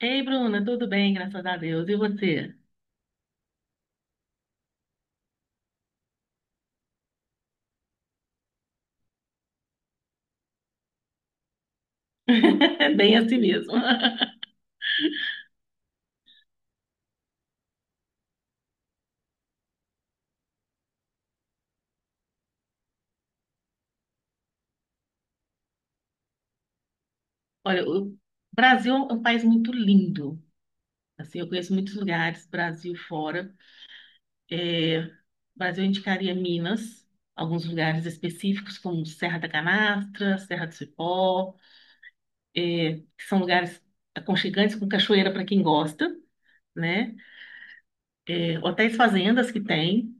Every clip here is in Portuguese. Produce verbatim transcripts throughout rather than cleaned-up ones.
Ei, Bruna, tudo bem, graças a Deus. E você? Bem assim mesmo. Olha, o Brasil é um país muito lindo. Assim, eu conheço muitos lugares, Brasil fora. É, Brasil eu indicaria Minas, alguns lugares específicos, como Serra da Canastra, Serra do Cipó, é, que são lugares aconchegantes com cachoeira para quem gosta, né? É, hotéis fazendas que tem,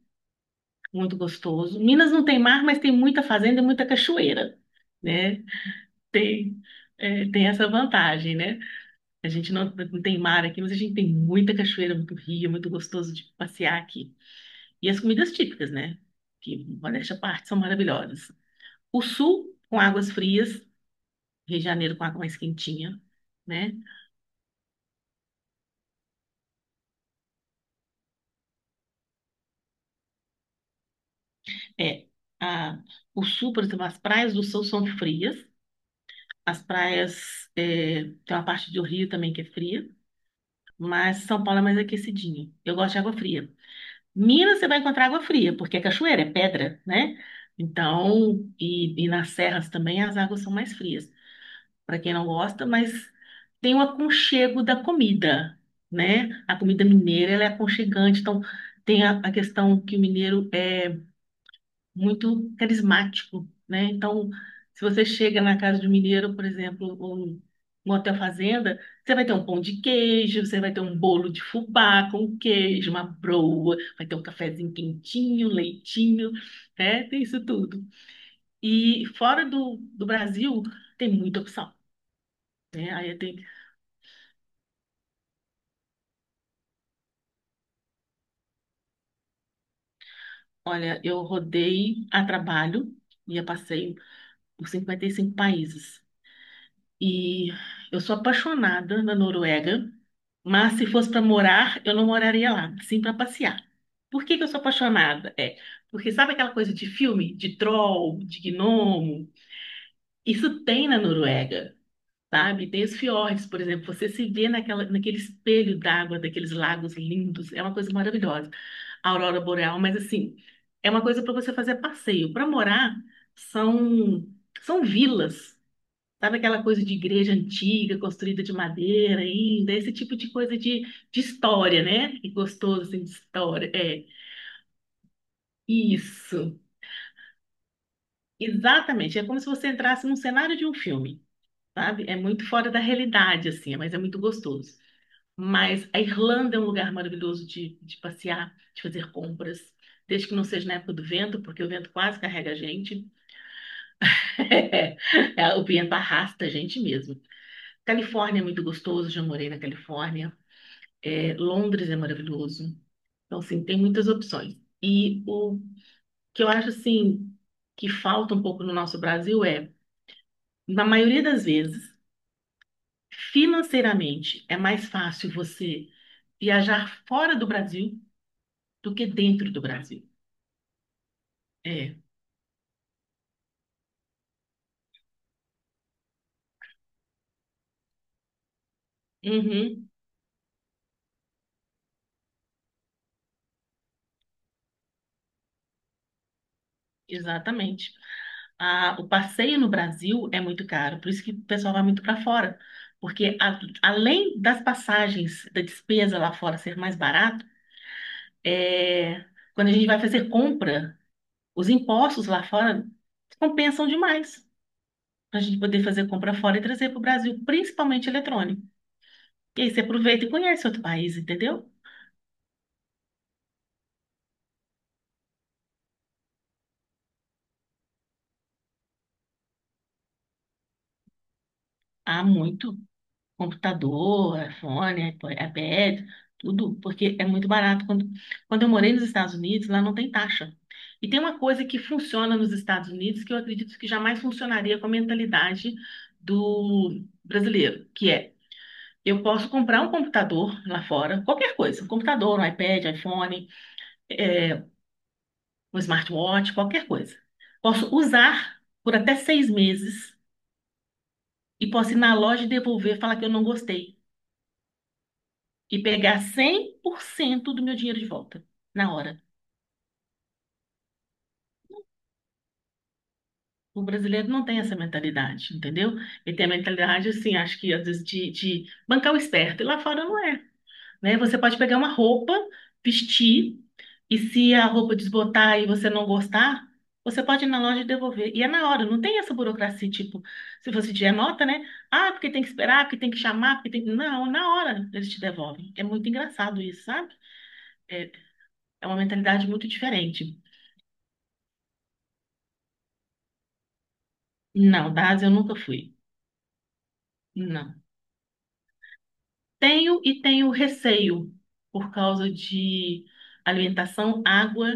muito gostoso. Minas não tem mar, mas tem muita fazenda e muita cachoeira, né? Tem, é, tem essa vantagem, né? A gente não, não tem mar aqui, mas a gente tem muita cachoeira, muito rio, muito gostoso de passear aqui. E as comidas típicas, né? Que, modéstia à parte, são maravilhosas. O sul, com águas frias, Rio de Janeiro com água mais quentinha, né? É, a, o sul, por exemplo, as praias do sul são frias. As praias, é, tem uma parte do Rio também que é fria, mas São Paulo é mais aquecidinho. Eu gosto de água fria. Minas você vai encontrar água fria, porque é cachoeira, é pedra, né? Então, e, e nas serras também as águas são mais frias, para quem não gosta, mas tem o aconchego da comida, né? A comida mineira, ela é aconchegante, então tem a, a questão que o mineiro é muito carismático, né? Então, se você chega na casa de um mineiro, por exemplo, ou um hotel fazenda, você vai ter um pão de queijo, você vai ter um bolo de fubá com queijo, uma broa, vai ter um cafezinho quentinho, leitinho, né? Tem isso tudo. E fora do, do Brasil, tem muita opção, né? Aí eu tenho, olha, eu rodei a trabalho e eu passei por cinquenta e cinco países. E eu sou apaixonada na Noruega, mas se fosse para morar, eu não moraria lá, sim para passear. Por que que eu sou apaixonada? É, porque sabe aquela coisa de filme, de troll, de gnomo? Isso tem na Noruega, sabe? Tem os fiordes, por exemplo, você se vê naquela, naquele espelho d'água daqueles lagos lindos, é uma coisa maravilhosa. A aurora boreal, mas assim, é uma coisa para você fazer passeio. Para morar, são são vilas. Sabe aquela coisa de igreja antiga, construída de madeira ainda, esse tipo de coisa de, de história, né? Que gostoso, assim, de história. É, isso, exatamente. É como se você entrasse num cenário de um filme, sabe? É muito fora da realidade, assim, mas é muito gostoso. Mas a Irlanda é um lugar maravilhoso de, de passear, de fazer compras, desde que não seja na época do vento, porque o vento quase carrega a gente. É, o vento arrasta a gente mesmo. Califórnia é muito gostoso, já morei na Califórnia. É, Londres é maravilhoso. Então, assim, tem muitas opções. E o que eu acho, assim, que falta um pouco no nosso Brasil é, na maioria das vezes, financeiramente, é mais fácil você viajar fora do Brasil do que dentro do Brasil. É. Uhum, exatamente. A, o passeio no Brasil é muito caro, por isso que o pessoal vai muito para fora. Porque a- além das passagens da despesa lá fora ser mais barato, é, quando a gente vai fazer compra, os impostos lá fora compensam demais para a gente poder fazer compra fora e trazer para o Brasil, principalmente eletrônico. E aí você aproveita e conhece outro país, entendeu? Há muito computador, iPhone, iPod, iPad, tudo, porque é muito barato. Quando, quando eu morei nos Estados Unidos, lá não tem taxa. E tem uma coisa que funciona nos Estados Unidos que eu acredito que jamais funcionaria com a mentalidade do brasileiro, que é: eu posso comprar um computador lá fora, qualquer coisa, um computador, um iPad, iPhone, é, um smartwatch, qualquer coisa. Posso usar por até seis meses e posso ir na loja e devolver, falar que eu não gostei e pegar cem por cento do meu dinheiro de volta na hora. O brasileiro não tem essa mentalidade, entendeu? Ele tem a mentalidade, assim, acho que às vezes de, de bancar o esperto. E lá fora não é, né? Você pode pegar uma roupa, vestir, e se a roupa desbotar e você não gostar, você pode ir na loja e devolver. E é na hora, não tem essa burocracia, tipo, se você tiver nota, né? Ah, porque tem que esperar, porque tem que chamar, porque tem... Não, na hora eles te devolvem. É muito engraçado isso, sabe? É, é uma mentalidade muito diferente. Não, da Ásia eu nunca fui. Não. Tenho e tenho receio por causa de alimentação, água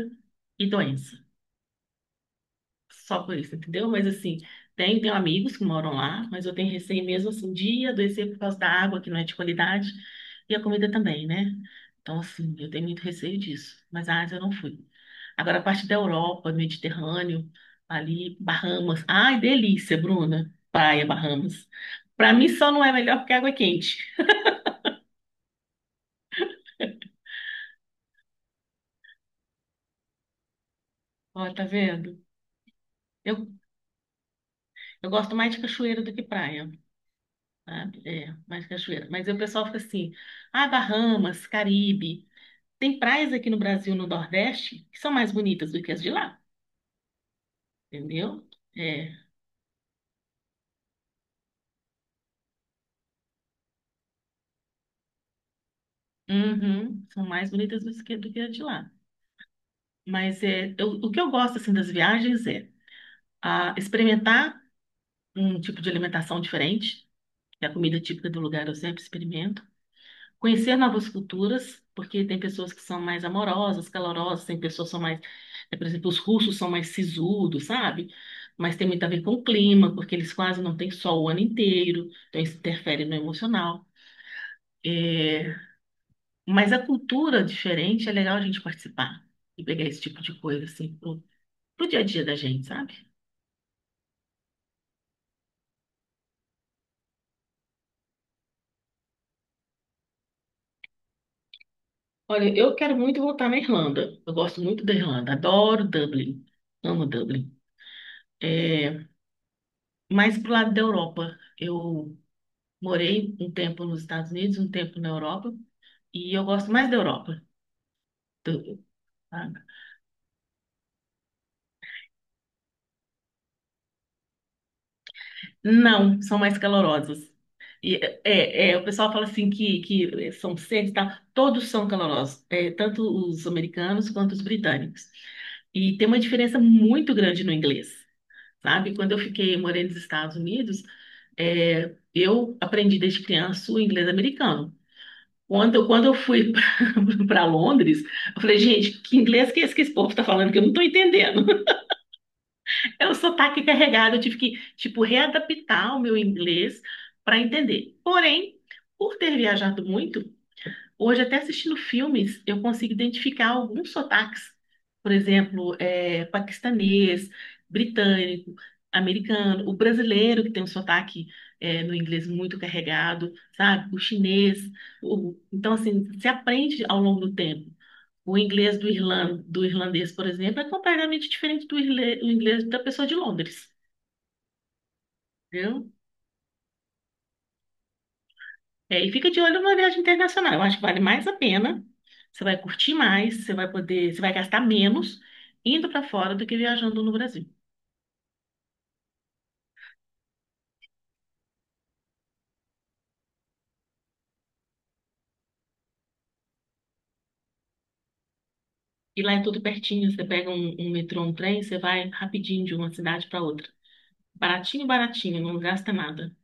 e doença. Só por isso, entendeu? Mas assim, tenho, tenho amigos que moram lá, mas eu tenho receio mesmo assim de adoecer por causa da água, que não é de qualidade, e a comida também, né? Então, assim, eu tenho muito receio disso, mas a Ásia eu não fui. Agora, a parte da Europa, Mediterrâneo, ali, Bahamas. Ai, delícia, Bruna. Praia, Bahamas. Pra mim só não é melhor porque a água é quente. Ó, tá vendo? Eu, eu gosto mais de cachoeira do que praia, sabe? É, mais cachoeira. Mas aí o pessoal fica assim, ah, Bahamas, Caribe. Tem praias aqui no Brasil, no Nordeste, que são mais bonitas do que as de lá, entendeu? É, uhum, são mais bonitas do que, do que as de lá. Mas é, eu- o que eu gosto assim das viagens é ah, experimentar um tipo de alimentação diferente, que é a comida típica do lugar eu sempre experimento. Conhecer novas culturas, porque tem pessoas que são mais amorosas, calorosas, tem pessoas que são mais, eh, por exemplo, os russos são mais sisudos, sabe? Mas tem muito a ver com o clima, porque eles quase não têm sol o ano inteiro, então isso interfere no emocional. É, mas a cultura diferente é legal a gente participar e pegar esse tipo de coisa, assim, pro, pro dia a dia da gente, sabe? Olha, eu quero muito voltar na Irlanda. Eu gosto muito da Irlanda, adoro Dublin, amo Dublin. É, mais pro lado da Europa, eu morei um tempo nos Estados Unidos, um tempo na Europa, e eu gosto mais da Europa. Do- ah, Não, são mais calorosos. E, é, é, o pessoal fala assim que, que são secos, tá? Todos são calorosos, é, tanto os americanos quanto os britânicos. E tem uma diferença muito grande no inglês, sabe? Quando eu fiquei morando nos Estados Unidos, é, eu aprendi desde criança o inglês americano. Quando, quando eu fui para Londres, eu falei, gente, que inglês que é esse que esse povo está falando que eu não estou entendendo? É um sotaque carregado, eu tive que, tipo, readaptar o meu inglês para entender. Porém, por ter viajado muito, hoje, até assistindo filmes, eu consigo identificar alguns sotaques, por exemplo, é, paquistanês, britânico, americano, o brasileiro, que tem um sotaque é, no inglês muito carregado, sabe? O chinês. o- Então, assim, se aprende ao longo do tempo. O inglês do irlan- do irlandês, por exemplo, é completamente diferente do irle- do inglês da pessoa de Londres. Entendeu? É, e fica de olho numa viagem internacional. Eu acho que vale mais a pena. Você vai curtir mais, você vai poder, você vai gastar menos indo para fora do que viajando no Brasil. E lá é tudo pertinho, você pega um, um metrô, um trem, você vai rapidinho de uma cidade para outra. Baratinho, baratinho, não gasta nada.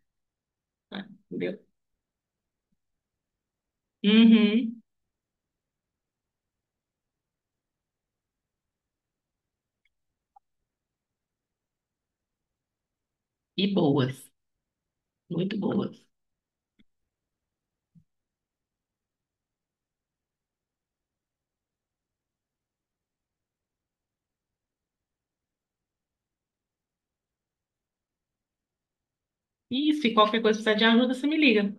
Tá? Entendeu? Uhum. E boas, muito boas. E se qualquer coisa precisar de ajuda, você me liga.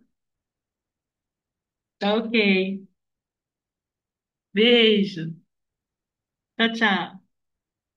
Tá, ok. Beijo. Tchau, tchau.